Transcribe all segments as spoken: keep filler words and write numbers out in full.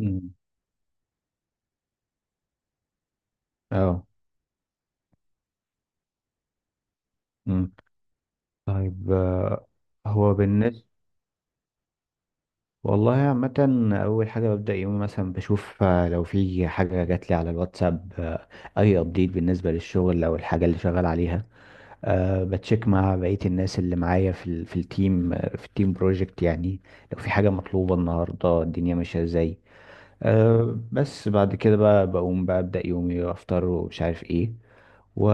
مم. اه. مم. طيب آه، هو بالنسبة والله عامة، أول حاجة ببدأ يومي مثلا بشوف آه، لو في حاجة جات لي على الواتساب، آه، أي أبديت بالنسبة للشغل أو الحاجة اللي شغال عليها. أه بتشيك مع بقية الناس اللي معايا في ال في التيم آه، في التيم بروجكت يعني، لو في حاجة مطلوبة النهاردة، الدنيا ماشية ازاي. أه بس بعد كده بقى بقوم بقى أبدأ يومي، أفطر ومش عارف ايه و-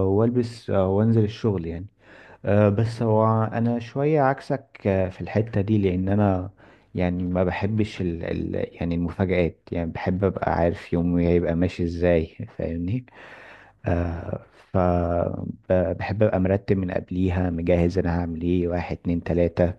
والبس، آه، وانزل الشغل يعني. أه، بس هو انا شوية عكسك أه، في الحتة دي، لان انا يعني ما بحبش ال ال يعني المفاجآت، يعني بحب ابقى عارف يومي هيبقى ماشي ازاي، فاهمني؟ أه. ف ب- بحب ابقى مرتب من قبليها، مجهز انا هعمل ايه، واحد اتنين تلاتة.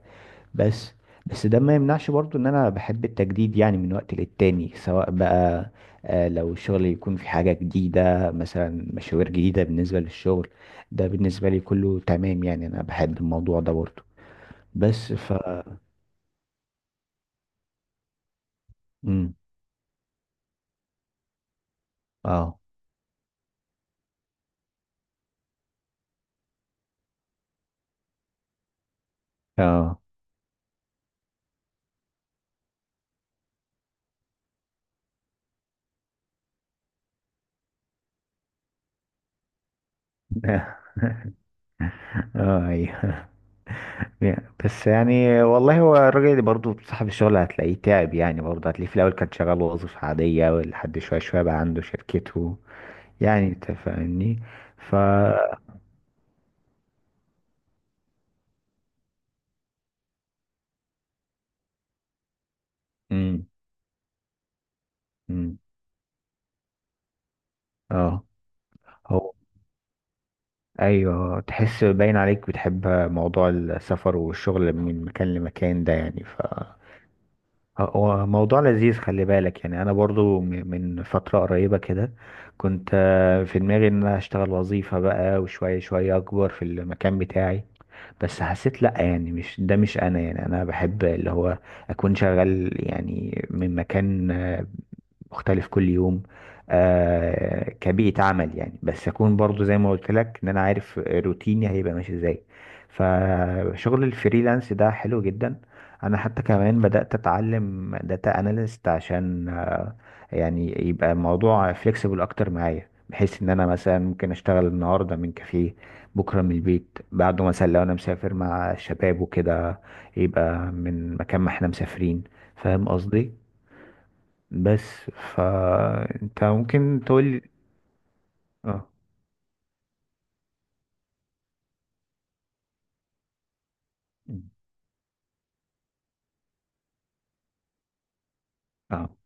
بس بس ده ما يمنعش برضو ان انا بحب التجديد يعني من وقت للتاني، سواء بقى آه، لو الشغل يكون في حاجة جديدة مثلا، مشاوير جديدة بالنسبة للشغل، ده بالنسبة لي كله تمام يعني، انا بحب الموضوع ده برضو. بس ف مم. اه. اه. اه، ايوه. يا- بس يعني والله، هو الراجل اللي برضه صاحب الشغل هتلاقيه تعب يعني، برضه هتلاقيه في الاول كان شغال وظيفة عادية، ولحد شوية شوية بقى عنده شركته، يعني انت فاهمني. ف مم. اه. هو ايوه، تحس باين عليك بتحب موضوع السفر والشغل من مكان لمكان ده يعني. ف هو موضوع لذيذ، خلي بالك يعني، انا برضو م- من فترة قريبة كده كنت آه، في دماغي ان انا اشتغل وظيفة بقى، وشوية شوية اكبر في المكان بتاعي، بس حسيت لا، يعني مش ده مش انا، يعني انا بحب اللي هو اكون شغال يعني من مكان مختلف كل يوم، آه كبيئة عمل يعني، بس أكون برضو زي ما قلت لك إن أنا عارف روتيني هيبقى ماشي إزاي. فشغل الفريلانس ده حلو جدا. أنا حتى كمان بدأت أتعلم داتا أناليست عشان آه يعني يبقى الموضوع فليكسيبل أكتر معايا، بحيث إن أنا مثلا ممكن أشتغل النهاردة من كافيه، بكرة من البيت، بعده مثلا لو أنا مسافر مع الشباب وكده يبقى من مكان ما إحنا مسافرين. فاهم قصدي؟ بس فانت ممكن تقول لي. اه. مم. اه.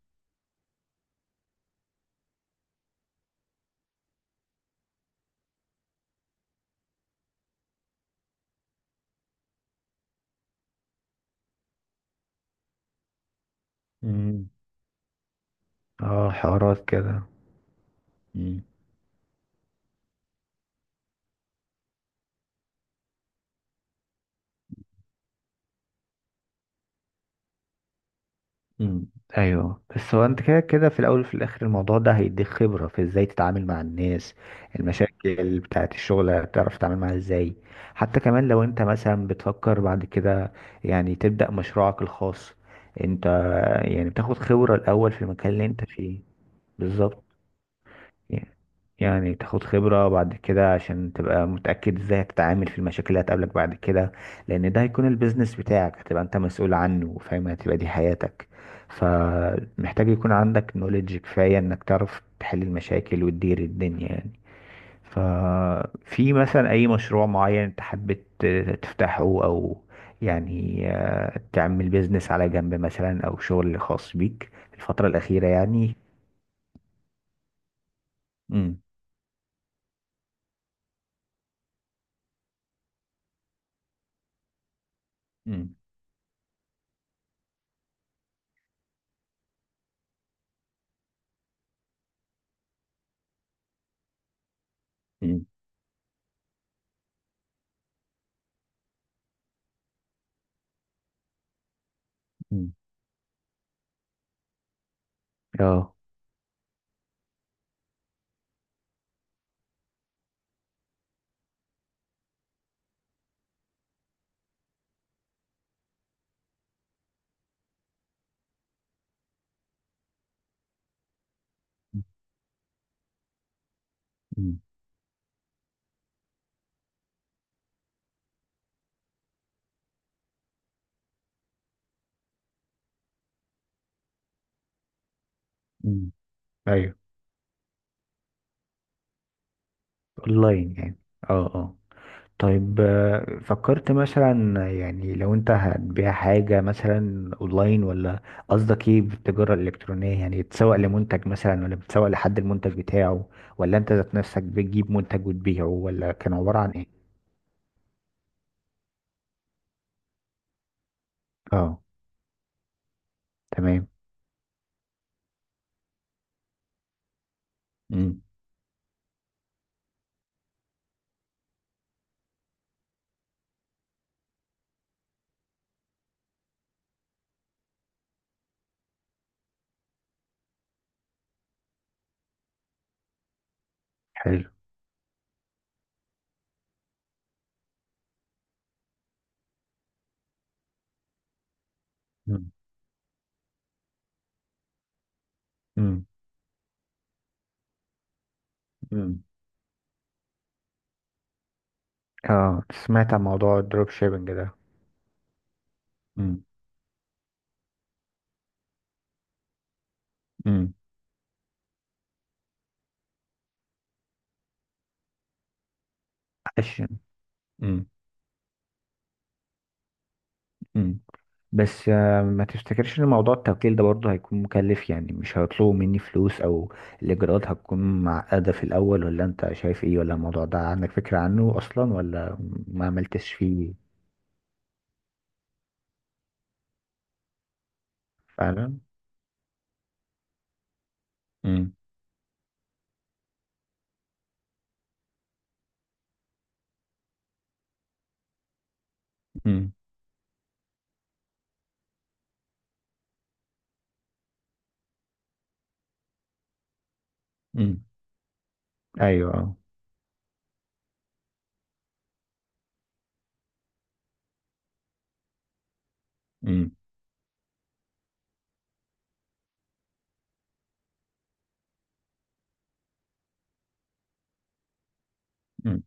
مم. اه، حوارات كده. مم. مم. ايوه، بس هو انت كده كده في الاول وفي الاخر الموضوع ده هيديك خبره في ازاي تتعامل مع الناس، المشاكل بتاعه الشغل هتعرف تتعامل معاها ازاي. حتى كمان لو انت مثلا بتفكر بعد كده يعني تبدا مشروعك الخاص انت، يعني بتاخد خبره الاول في المكان اللي انت فيه. بالظبط. يعني تاخد خبرة بعد كده عشان تبقى متأكد ازاي هتتعامل في المشاكل اللي هتقابلك بعد كده، لأن ده هيكون البيزنس بتاعك، هتبقى انت مسؤول عنه وفاهم، هتبقى دي حياتك. فمحتاج يكون عندك نوليدج كفاية انك تعرف تحل المشاكل وتدير الدنيا يعني. ففي مثلا أي مشروع معين انت حبيت تفتحه، أو يعني آه، تعمل بيزنس على جنب مثلا أو شغل خاص بيك الفترة الأخيرة يعني؟ امم. اه. مم. مم. ايوه، اونلاين يعني. اه، اه. طيب، آه، فكرت مثلا يعني لو انت هتبيع حاجة مثلا اونلاين، ولا قصدك ايه بالتجارة الالكترونية، يعني تسوق لمنتج مثلا، ولا بتسوق لحد المنتج بتاعه، ولا انت ذات نفسك بتجيب منتج وتبيعه، ولا كان عبارة عن ايه؟ اه، تمام. امم. حلو. امم. امم. امم. اه، سمعت عن موضوع الدروب شيبنج ده. امم. امم. عشان. امم. بس آه، ما تفتكرش ان موضوع التوكيل ده برضه هيكون مكلف يعني، مش هيطلبوا مني فلوس او الاجراءات هتكون معقدة في الاول، ولا انت شايف ايه، ولا الموضوع ده عندك فكرة عنه اصلا، ولا ما عملتش فيه؟ فعلا. امم. امم. امم. ايوه، اه. امم. امم.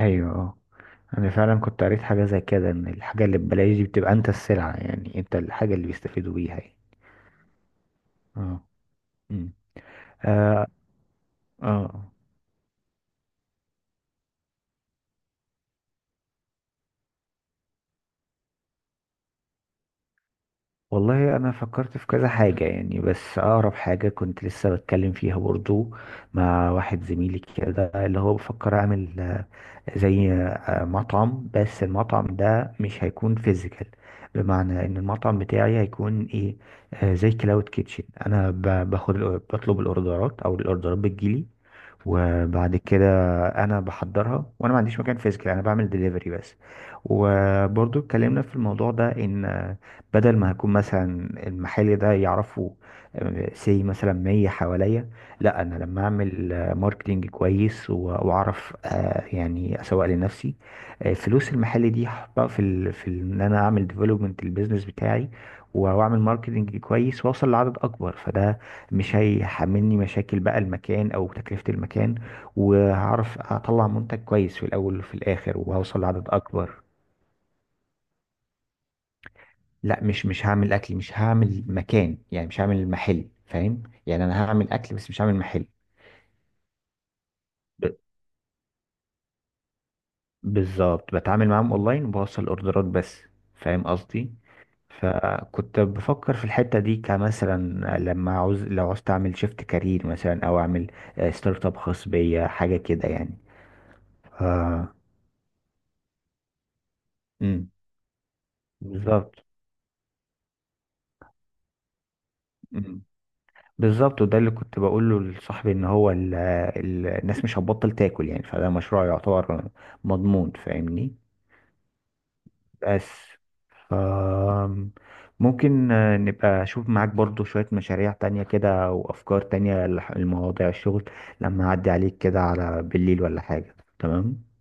ايوه، اه. انا فعلا كنت قريت حاجة زي كده ان الحاجة اللي ببلاش دي بتبقى انت السلعة يعني، انت الحاجة اللي بيستفيدوا بيها يعني. اه. امم. اه. آه. والله انا فكرت في كذا حاجة يعني، بس اقرب حاجة كنت لسه بتكلم فيها برضو مع واحد زميلي كده، اللي هو بفكر اعمل آه، زي آه، مطعم، بس المطعم ده مش هيكون فيزيكال. بمعنى ان المطعم بتاعي هيكون ايه، آه، زي كلاود كيتشن. انا ب- باخد الأو- بطلب الاوردرات، او الاوردرات بتجيلي، وبعد كده انا بحضرها، وانا ما عنديش مكان فيزيكال، انا بعمل دليفري بس. وبرضو اتكلمنا في الموضوع ده ان بدل ما هكون مثلا المحل ده يعرفه آه، سي مثلا مية حواليا، لا انا لما اعمل ماركتينج كويس و- واعرف، آه، يعني اسوق لنفسي، آه، فلوس المحل دي هحطها في ال... في ال- ان انا اعمل ديفلوبمنت البيزنس بتاعي، و- واعمل ماركتينج كويس واوصل لعدد اكبر. فده مش هيحملني مشاكل بقى المكان او تكلفة المكان، وهعرف اطلع منتج كويس في الاول وفي الاخر، وهوصل لعدد اكبر. لا، مش مش هعمل اكل، مش هعمل مكان، يعني مش هعمل محل، فاهم يعني؟ انا هعمل اكل بس مش هعمل محل. ب- بالظبط، بتعامل معاهم اونلاين وبوصل اوردرات بس. فاهم قصدي. فكنت بفكر في الحتة دي كمثلا، لما عاوز لو عاوز اعمل شيفت كارير مثلا، او اعمل ستارت اب خاص بيا حاجة كده يعني. آه. امم. بالظبط. مم. بالظبط، وده اللي كنت بقوله لصاحبي ان هو ال ال الناس مش هتبطل تاكل، يعني فده مشروع يعتبر مضمون، فاهمني؟ بس ف ممكن آه، نبقى اشوف معاك برضو شوية مشاريع تانية كده، وافكار تانية لح- لمواضيع الشغل، لما اعدي عليك كده على بالليل ولا حاجة؟ تمام.